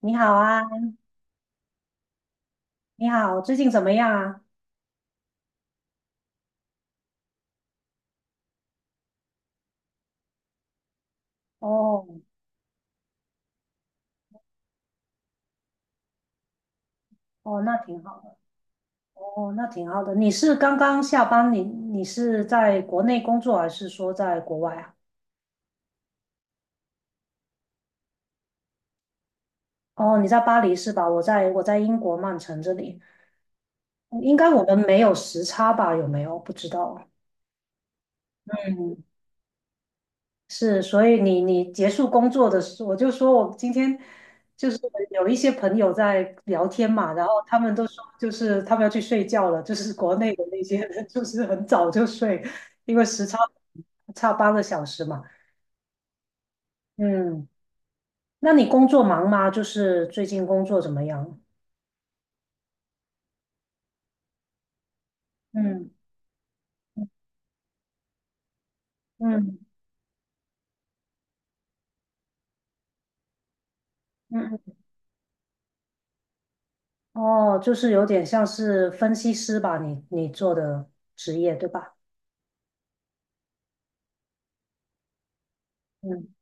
你好啊。你好，最近怎么样啊？哦。哦，那挺好的。哦，那挺好的。你是刚刚下班，你是在国内工作还是说在国外啊？哦，你在巴黎是吧？我在英国曼城这里。嗯应该我们没有时差吧？有没有？不知道。嗯是，所以你结束工作的时候，我就说我今天就是有一些朋友在聊天嘛，然后他们都说就是他们要去睡觉了，就是国内的那些人就是很早就睡，因为时差差8个小时嘛。嗯，那你工作忙吗？就是最近工作怎么样？嗯嗯嗯，嗯哦，就是有点像是分析师吧，你做的职业对吧？嗯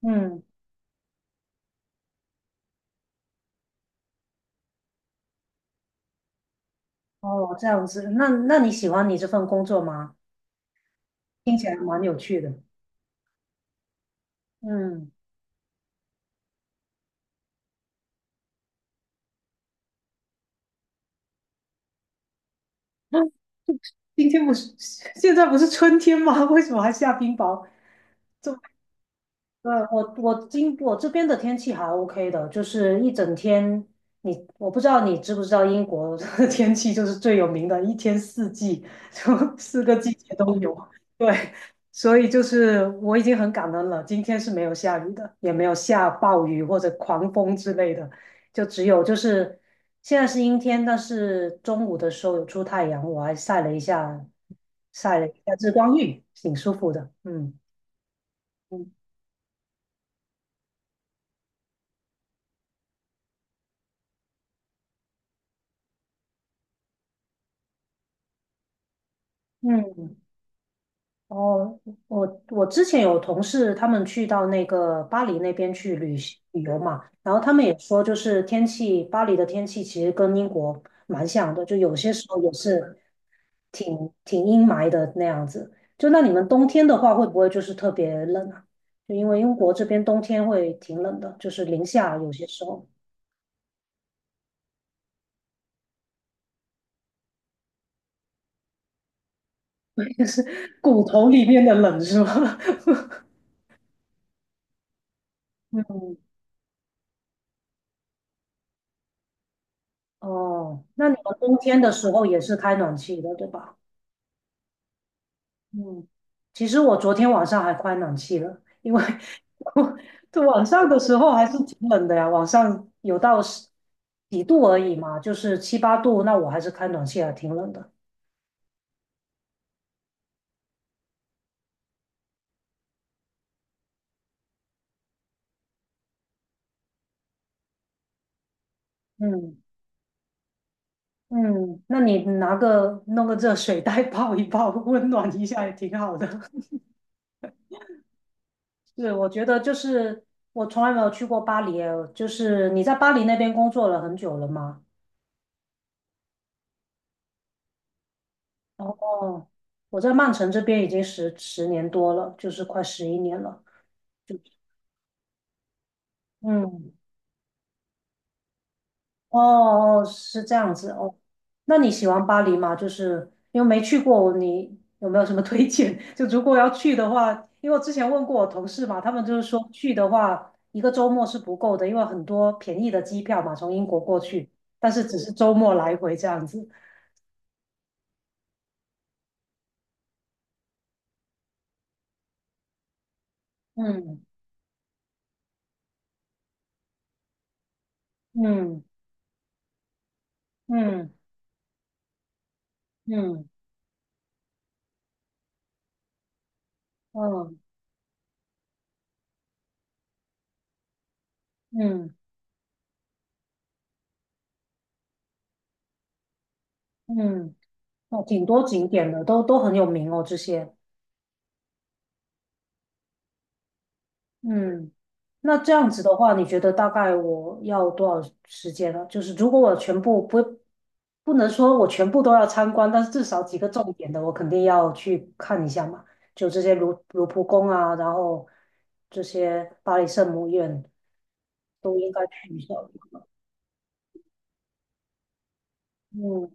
嗯。哦，这样子。那你喜欢你这份工作吗？嗯。今天不是，现在不是春天吗？为什么还下冰雹？这对，我这边的天气还 OK 的，就是一整天。我不知道你知不知道英国的 天气就是最有名的，一天四季，就四个季节都有。对，所以就是我已经很感恩了，今天是没有下雨的，也没有下暴雨或者狂风之类的，就只有就是现在是阴天，但是中午的时候有出太阳，我还晒了一下，晒了一下日光浴，挺舒服的。嗯嗯嗯。哦，我之前有同事，他们去到那个巴黎那边去旅行旅游嘛，然后他们也说，就是天气，巴黎的天气其实跟英国蛮像的，就有些时候也是挺阴霾的那样子。就那你们冬天的话，会不会就是特别冷啊？就因为英国这边冬天会挺冷的，就是零下有些时候。就是骨头里面的冷是吗？嗯。哦，那你们冬天的时候也是开暖气的，对吧？嗯，其实我昨天晚上还开暖气了，因为 我就晚上的时候还是挺冷的呀，晚上有到十几度而已嘛，就是七八度，那我还是开暖气还挺冷的。嗯嗯，那你弄个热水袋 泡一泡，温暖一下也挺好的。是，我觉得就是我从来没有去过巴黎耶，就是你在巴黎那边工作了很久了吗？哦，我在曼城这边已经十年多了，就是快11年了。就。嗯，哦哦，是这样子哦。那你喜欢巴黎吗？就是因为没去过，你有没有什么推荐？就如果要去的话，因为我之前问过我同事嘛，他们就是说去的话，一个周末是不够的，因为很多便宜的机票嘛，从英国过去，但是只是周末来回这样子。嗯嗯嗯嗯嗯嗯嗯，嗯哦，挺多景点的，都很有名哦，这些。嗯，那这样子的话，你觉得大概我要多少时间呢？就是如果我全部不，不能说我全部都要参观，但是至少几个重点的，我肯定要去看一下嘛。就这些卢浮宫啊，然后这些巴黎圣母院都应该去一下。嗯，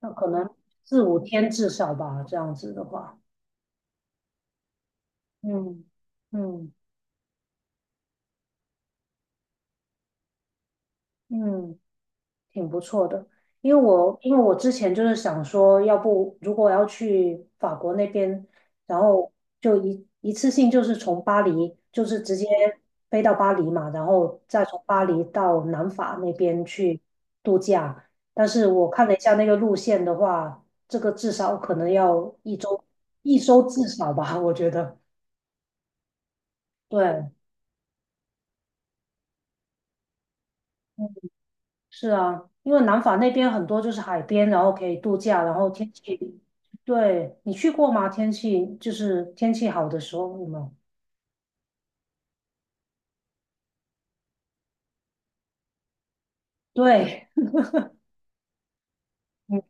那可能四五天至少吧，这样子的话。嗯嗯嗯。挺不错的。因为我之前就是想说，要不如果要去法国那边，然后就一次性就是从巴黎，就是直接飞到巴黎嘛，然后再从巴黎到南法那边去度假。但是我看了一下那个路线的话，这个至少可能要一周，一周至少吧，我觉得。对，是啊，因为南法那边很多就是海边，然后可以度假，然后天气。对，你去过吗？天气就是天气好的时候，有没有？对。嗯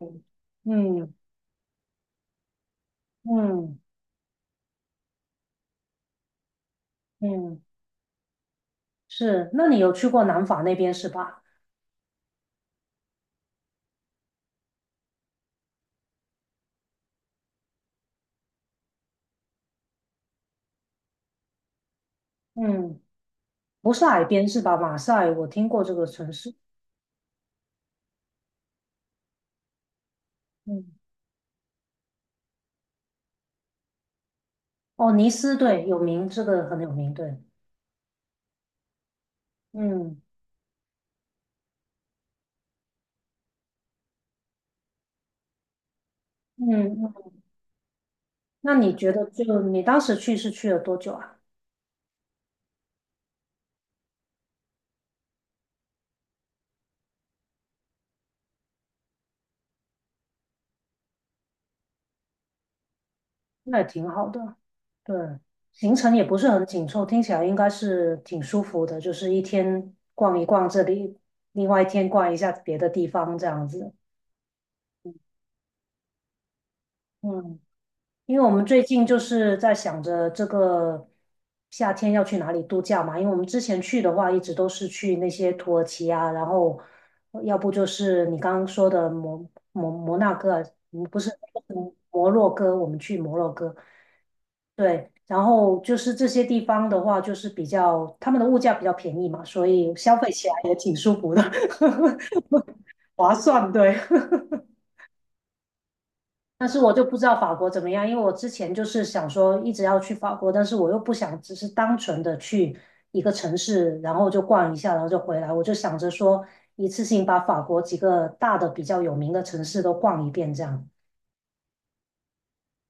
嗯嗯嗯，是。那你有去过南法那边是吧？嗯。不是海边是吧？马赛，我听过这个城市。嗯。哦，尼斯，对，有名，这个很有名，对。嗯嗯。那你觉得就你当时去是去了多久啊？那也挺好的。对，行程也不是很紧凑，听起来应该是挺舒服的，就是一天逛一逛这里，另外一天逛一下别的地方这样子。嗯，因为我们最近就是在想着这个夏天要去哪里度假嘛，因为我们之前去的话，一直都是去那些土耳其啊，然后要不就是你刚刚说的摩纳哥啊。不是摩洛哥，我们去摩洛哥，对，然后就是这些地方的话，就是比较他们的物价比较便宜嘛，所以消费起来也挺舒服的。划算，对。但是我就不知道法国怎么样，因为我之前就是想说一直要去法国，但是我又不想只是单纯的去一个城市，然后就逛一下，然后就回来。我就想着说一次性把法国几个大的比较有名的城市都逛一遍，这样。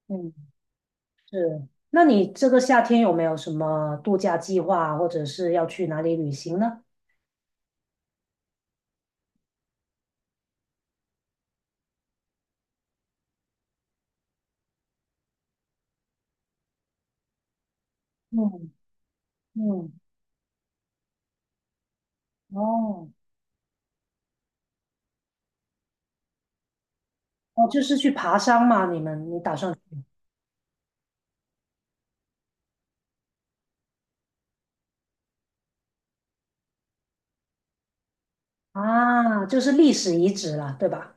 嗯，是。那你这个夏天有没有什么度假计划，或者是要去哪里旅行呢？嗯嗯。哦哦，就是去爬山嘛，你打算。啊，就是历史遗址啦，对吧？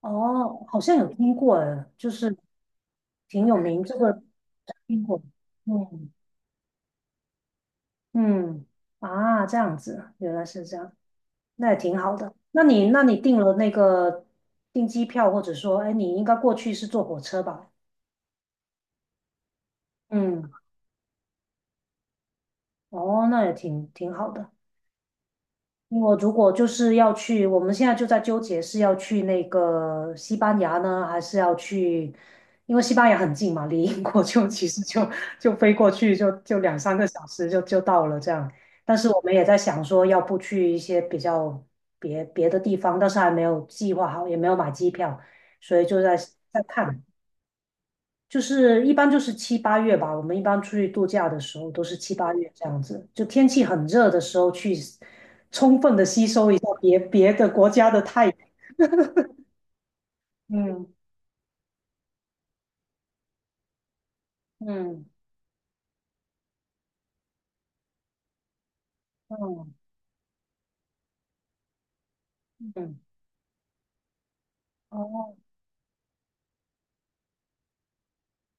哦，好像有听过，哎，就是挺有名，这个听过。嗯嗯，啊，这样子啊，原来是这样，那也挺好的。那你订了那个订机票，或者说，哎，你应该过去是坐火车吧？嗯，哦，那也挺好的。我如果就是要去，我们现在就在纠结是要去那个西班牙呢，还是要去，因为西班牙很近嘛，离英国就 其实就飞过去就两三个小时就到了这样。但是我们也在想说，要不去一些比较别的地方，但是还没有计划好，也没有买机票，所以就在看。就是一般就是七八月吧，我们一般出去度假的时候都是七八月这样子，就天气很热的时候去充分的吸收一下别的国家的太阳。嗯嗯嗯嗯，哦。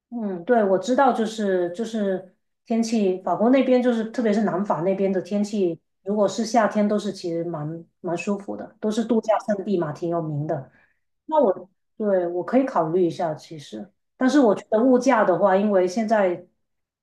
嗯，对，我知道，就是天气，法国那边就是特别是南法那边的天气，如果是夏天，都是其实蛮舒服的，都是度假胜地嘛，挺有名的。那我对我可以考虑一下，其实，但是我觉得物价的话，因为现在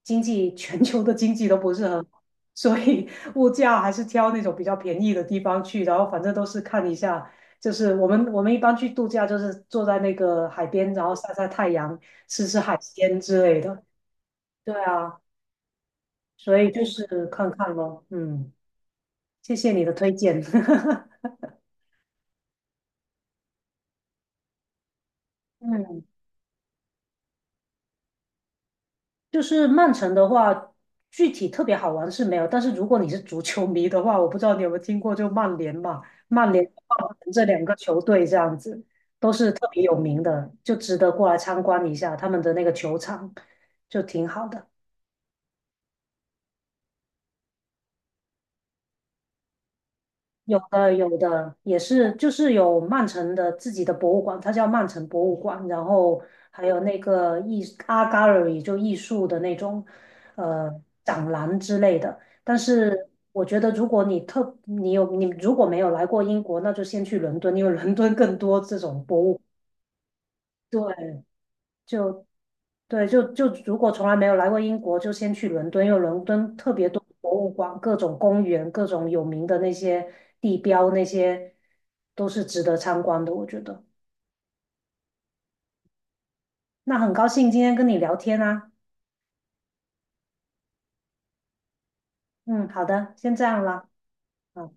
经济 全球的经济都不是很好，所以物价还是挑那种比较便宜的地方去，然后反正都是看一下，就是我们一般去度假，就是坐在那个海边，然后晒晒太阳，吃吃海鲜之类的。对啊，所以就是看看咯。嗯，谢谢你的推荐。嗯，就是曼城的话，具体特别好玩是没有，但是如果你是足球迷的话，我不知道你有没有听过，就曼联嘛，曼联、曼城这两个球队这样子都是特别有名的，就值得过来参观一下他们的那个球场，就挺好的。有的有的也是，就是有曼城的自己的博物馆，它叫曼城博物馆，然后还有那个Art Gallery 就艺术的那种呃展览之类的。但是我觉得，如果你如果没有来过英国，那就先去伦敦，因为伦敦更多这种博物。对，就对，就如果从来没有来过英国，就先去伦敦，因为伦敦特别多博物馆、各种公园、各种有名的那些地标，那些都是值得参观的，我觉得。那很高兴今天跟你聊天啊，嗯，好的，先这样了。好